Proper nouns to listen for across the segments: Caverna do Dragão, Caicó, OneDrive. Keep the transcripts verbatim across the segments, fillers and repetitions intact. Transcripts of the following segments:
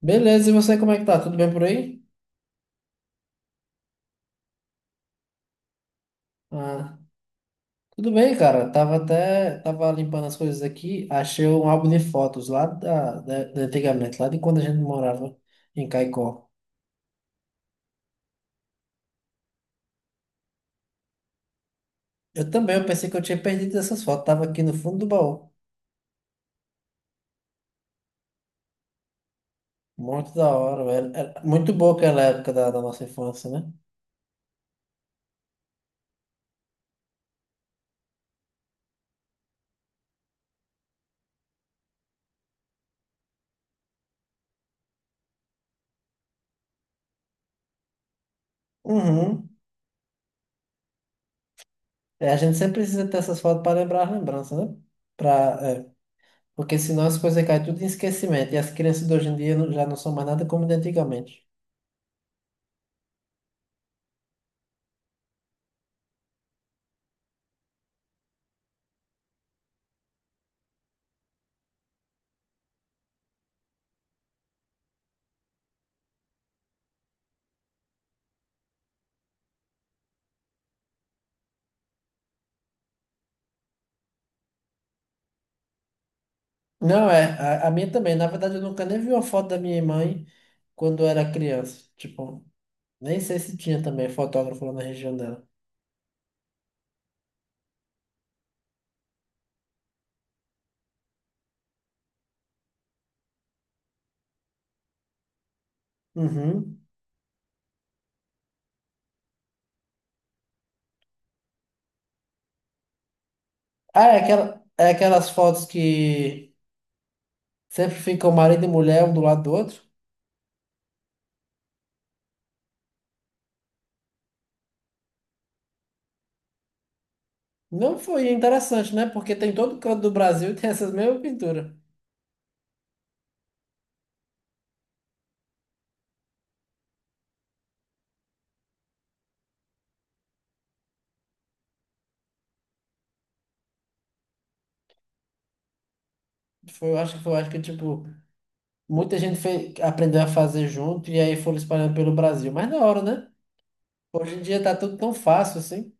Beleza, e você como é que tá? Tudo bem por aí? Ah, tudo bem, cara. Tava até, tava limpando as coisas aqui, achei um álbum de fotos lá da, da, da antigamente, lá de quando a gente morava em Caicó. Eu também, eu pensei que eu tinha perdido essas fotos, tava aqui no fundo do baú. Muito da hora, velho. Era muito boa aquela época da, da nossa infância, né? Uhum. É, a gente sempre precisa ter essas fotos para lembrar as lembranças, né? Pra, é, Porque senão as coisas caem tudo em esquecimento e as crianças de hoje em dia não- já não são mais nada como de antigamente. Não, é, a, a minha também. Na verdade, eu nunca nem vi uma foto da minha mãe quando eu era criança. Tipo, nem sei se tinha também fotógrafo lá na região dela. Uhum. Ah, é, aquela, é aquelas fotos que sempre ficam marido e mulher um do lado do outro. Não foi interessante, né? Porque tem todo canto do Brasil e tem essas mesmas pinturas. Foi, eu acho que foi, eu acho que, tipo, muita gente fez, aprendeu a fazer junto e aí foram espalhando pelo Brasil. Mas na hora, né? Hoje em dia tá tudo tão fácil assim.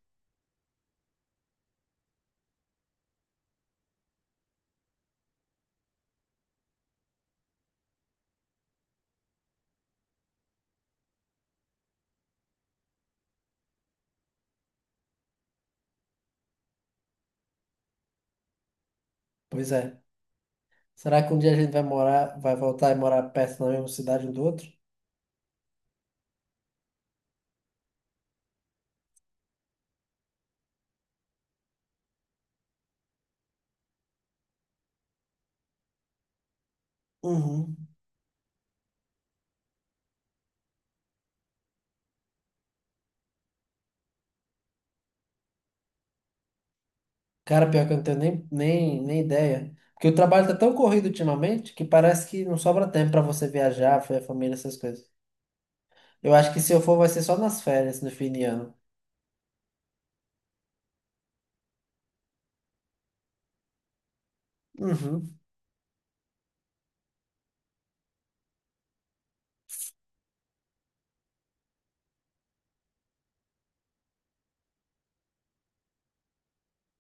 Pois é. Será que um dia a gente vai morar, vai voltar e morar perto na mesma cidade um do outro? Uhum. Cara, pior que eu não tenho nem, nem, nem ideia. Porque o trabalho tá tão corrido ultimamente que parece que não sobra tempo pra você viajar, ver a família, essas coisas. Eu acho que se eu for, vai ser só nas férias, no fim de ano. Uhum.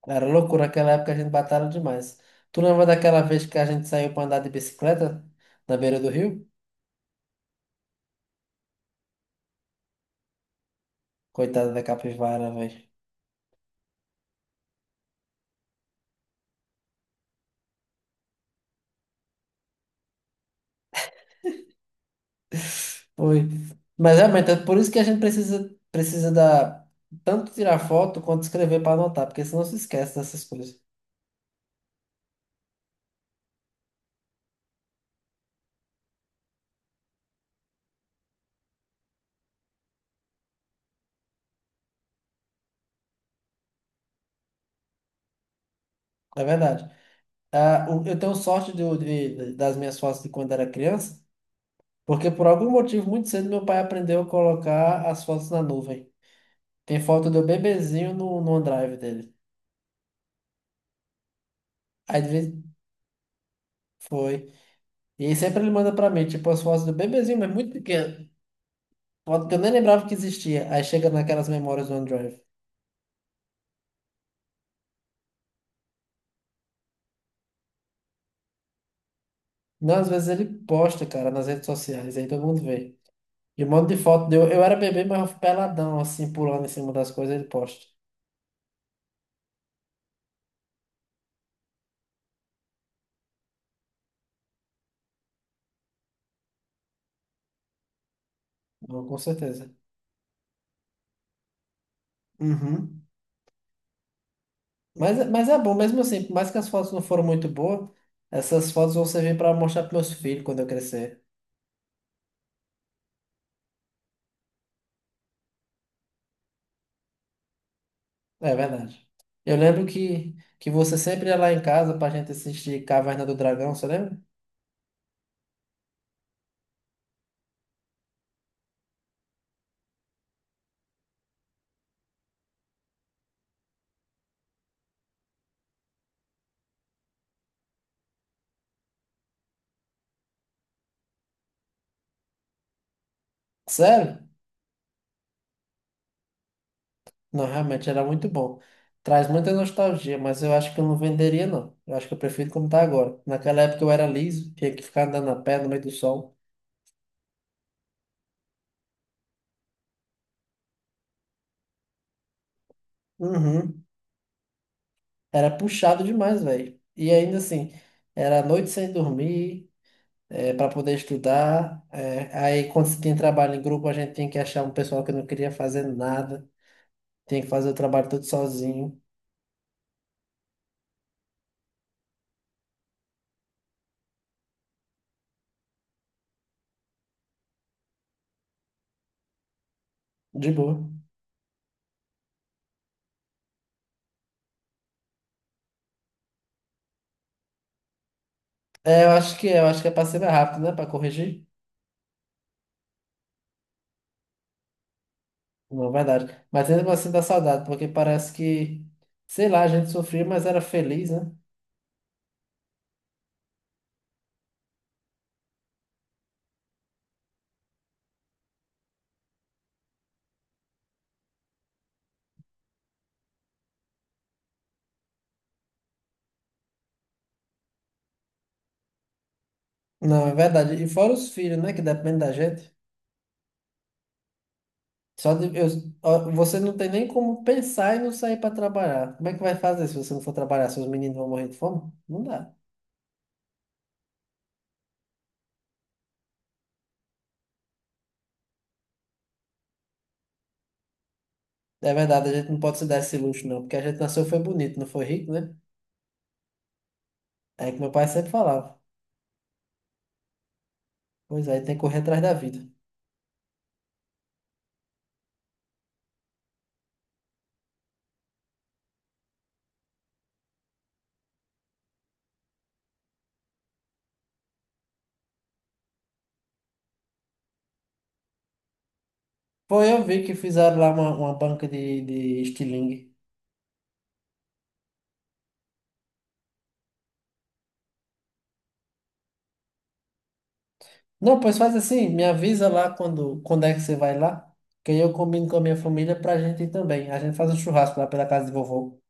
Era loucura, naquela época a gente batalha demais. Tu lembra daquela vez que a gente saiu pra andar de bicicleta na beira do rio? Coitada da capivara, velho. Foi. Mas realmente é por isso que a gente precisa, precisa da, tanto tirar foto quanto escrever para anotar, porque senão se esquece dessas coisas. É verdade. Ah, o- eu tenho sorte de, de- das minhas fotos de quando era criança, porque por algum motivo muito cedo meu pai aprendeu a colocar as fotos na nuvem. Tem foto do bebezinho no, no OneDrive dele. Aí de vez foi. E aí sempre ele manda para mim, tipo, as fotos do bebezinho, mas muito pequeno. Foto que eu nem lembrava que existia. Aí chega naquelas memórias do OneDrive. Não, às vezes ele posta, cara, nas redes sociais, aí todo mundo vê. E um monte de foto deu. Eu era bebê, mas eu fui peladão, assim, pulando em cima das coisas, ele posta. Não, com certeza. Uhum. Mas, mas é bom, mesmo assim, por mais que as fotos não foram muito boas, essas fotos vão servir para mostrar para meus filhos quando eu crescer. É verdade. Eu lembro que, que você sempre ia lá em casa pra gente assistir Caverna do Dragão, você lembra? Sério? Não, realmente era muito bom. Traz muita nostalgia, mas eu acho que eu não venderia, não. Eu acho que eu prefiro como tá agora. Naquela época eu era liso, tinha que ficar andando a pé no meio do sol. Uhum. Era puxado demais, velho. E ainda assim, era noite sem dormir, é, para poder estudar. É, aí quando se tinha trabalho em grupo, a gente tinha que achar um pessoal que não queria fazer nada. Tinha que fazer o trabalho todo sozinho. De boa. É, eu acho que é, eu acho que é pra ser mais rápido, né? Pra corrigir. Não, verdade. Mas mesmo assim dá saudade, porque parece que, sei lá, a gente sofria, mas era feliz, né? Não, é verdade. E fora os filhos, né? Que depende da gente. Só de, eu, Ó, você não tem nem como pensar e não sair para trabalhar. Como é que vai fazer se você não for trabalhar? Seus meninos vão morrer de fome? Não dá. É verdade, a gente não pode se dar esse luxo, não, porque a gente nasceu foi bonito, não foi rico, né? É que meu pai sempre falava. Pois é, tem que correr atrás da vida. Foi, eu vi que fizeram lá uma, uma banca de, de estilingue. Não, pois faz assim, me avisa lá quando, quando é que você vai lá, que aí eu combino com a minha família pra gente ir também. A gente faz um churrasco lá pela casa de vovô.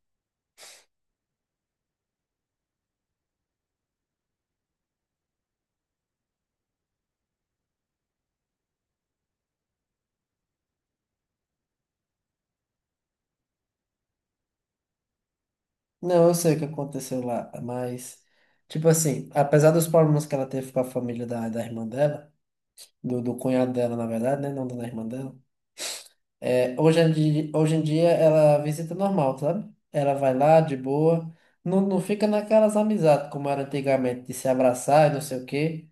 Não, eu sei o que aconteceu lá, mas, tipo assim, apesar dos problemas que ela teve com a família da, da irmã dela, do, do cunhado dela, na verdade, né? Não da irmã dela, é, hoje em dia, hoje em dia ela visita normal, sabe? Ela vai lá de boa, não, não fica naquelas amizades como era antigamente, de se abraçar e não sei o quê.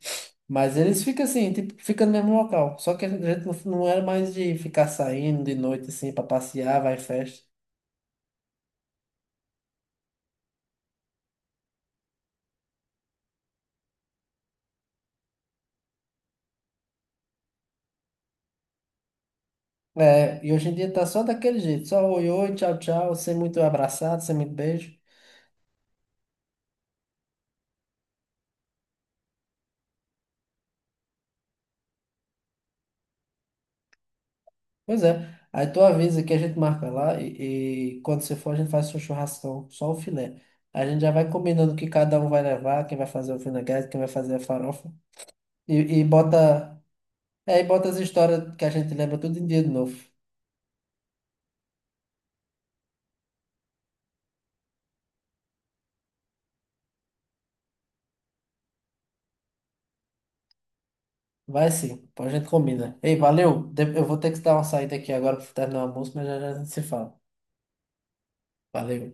Mas eles ficam assim, tipo, fica no mesmo local. Só que a gente não, não era mais de ficar saindo de noite assim pra passear, vai em festa. É, e hoje em dia tá só daquele jeito, só oi, oi, tchau, tchau, sem muito abraçado, sem muito beijo. Pois é. Aí tu avisa que a gente marca lá e, e quando você for a gente faz um churrascão, só o filé. A gente já vai combinando o que cada um vai levar, quem vai fazer o vinagrete, quem vai fazer a farofa. E, e bota, é, e bota as histórias que a gente lembra tudo em dia de novo. Vai sim, depois a gente combina. Ei, valeu. De- Eu vou ter que dar uma saída aqui agora para terminar o almoço, mas já, já a gente se fala. Valeu.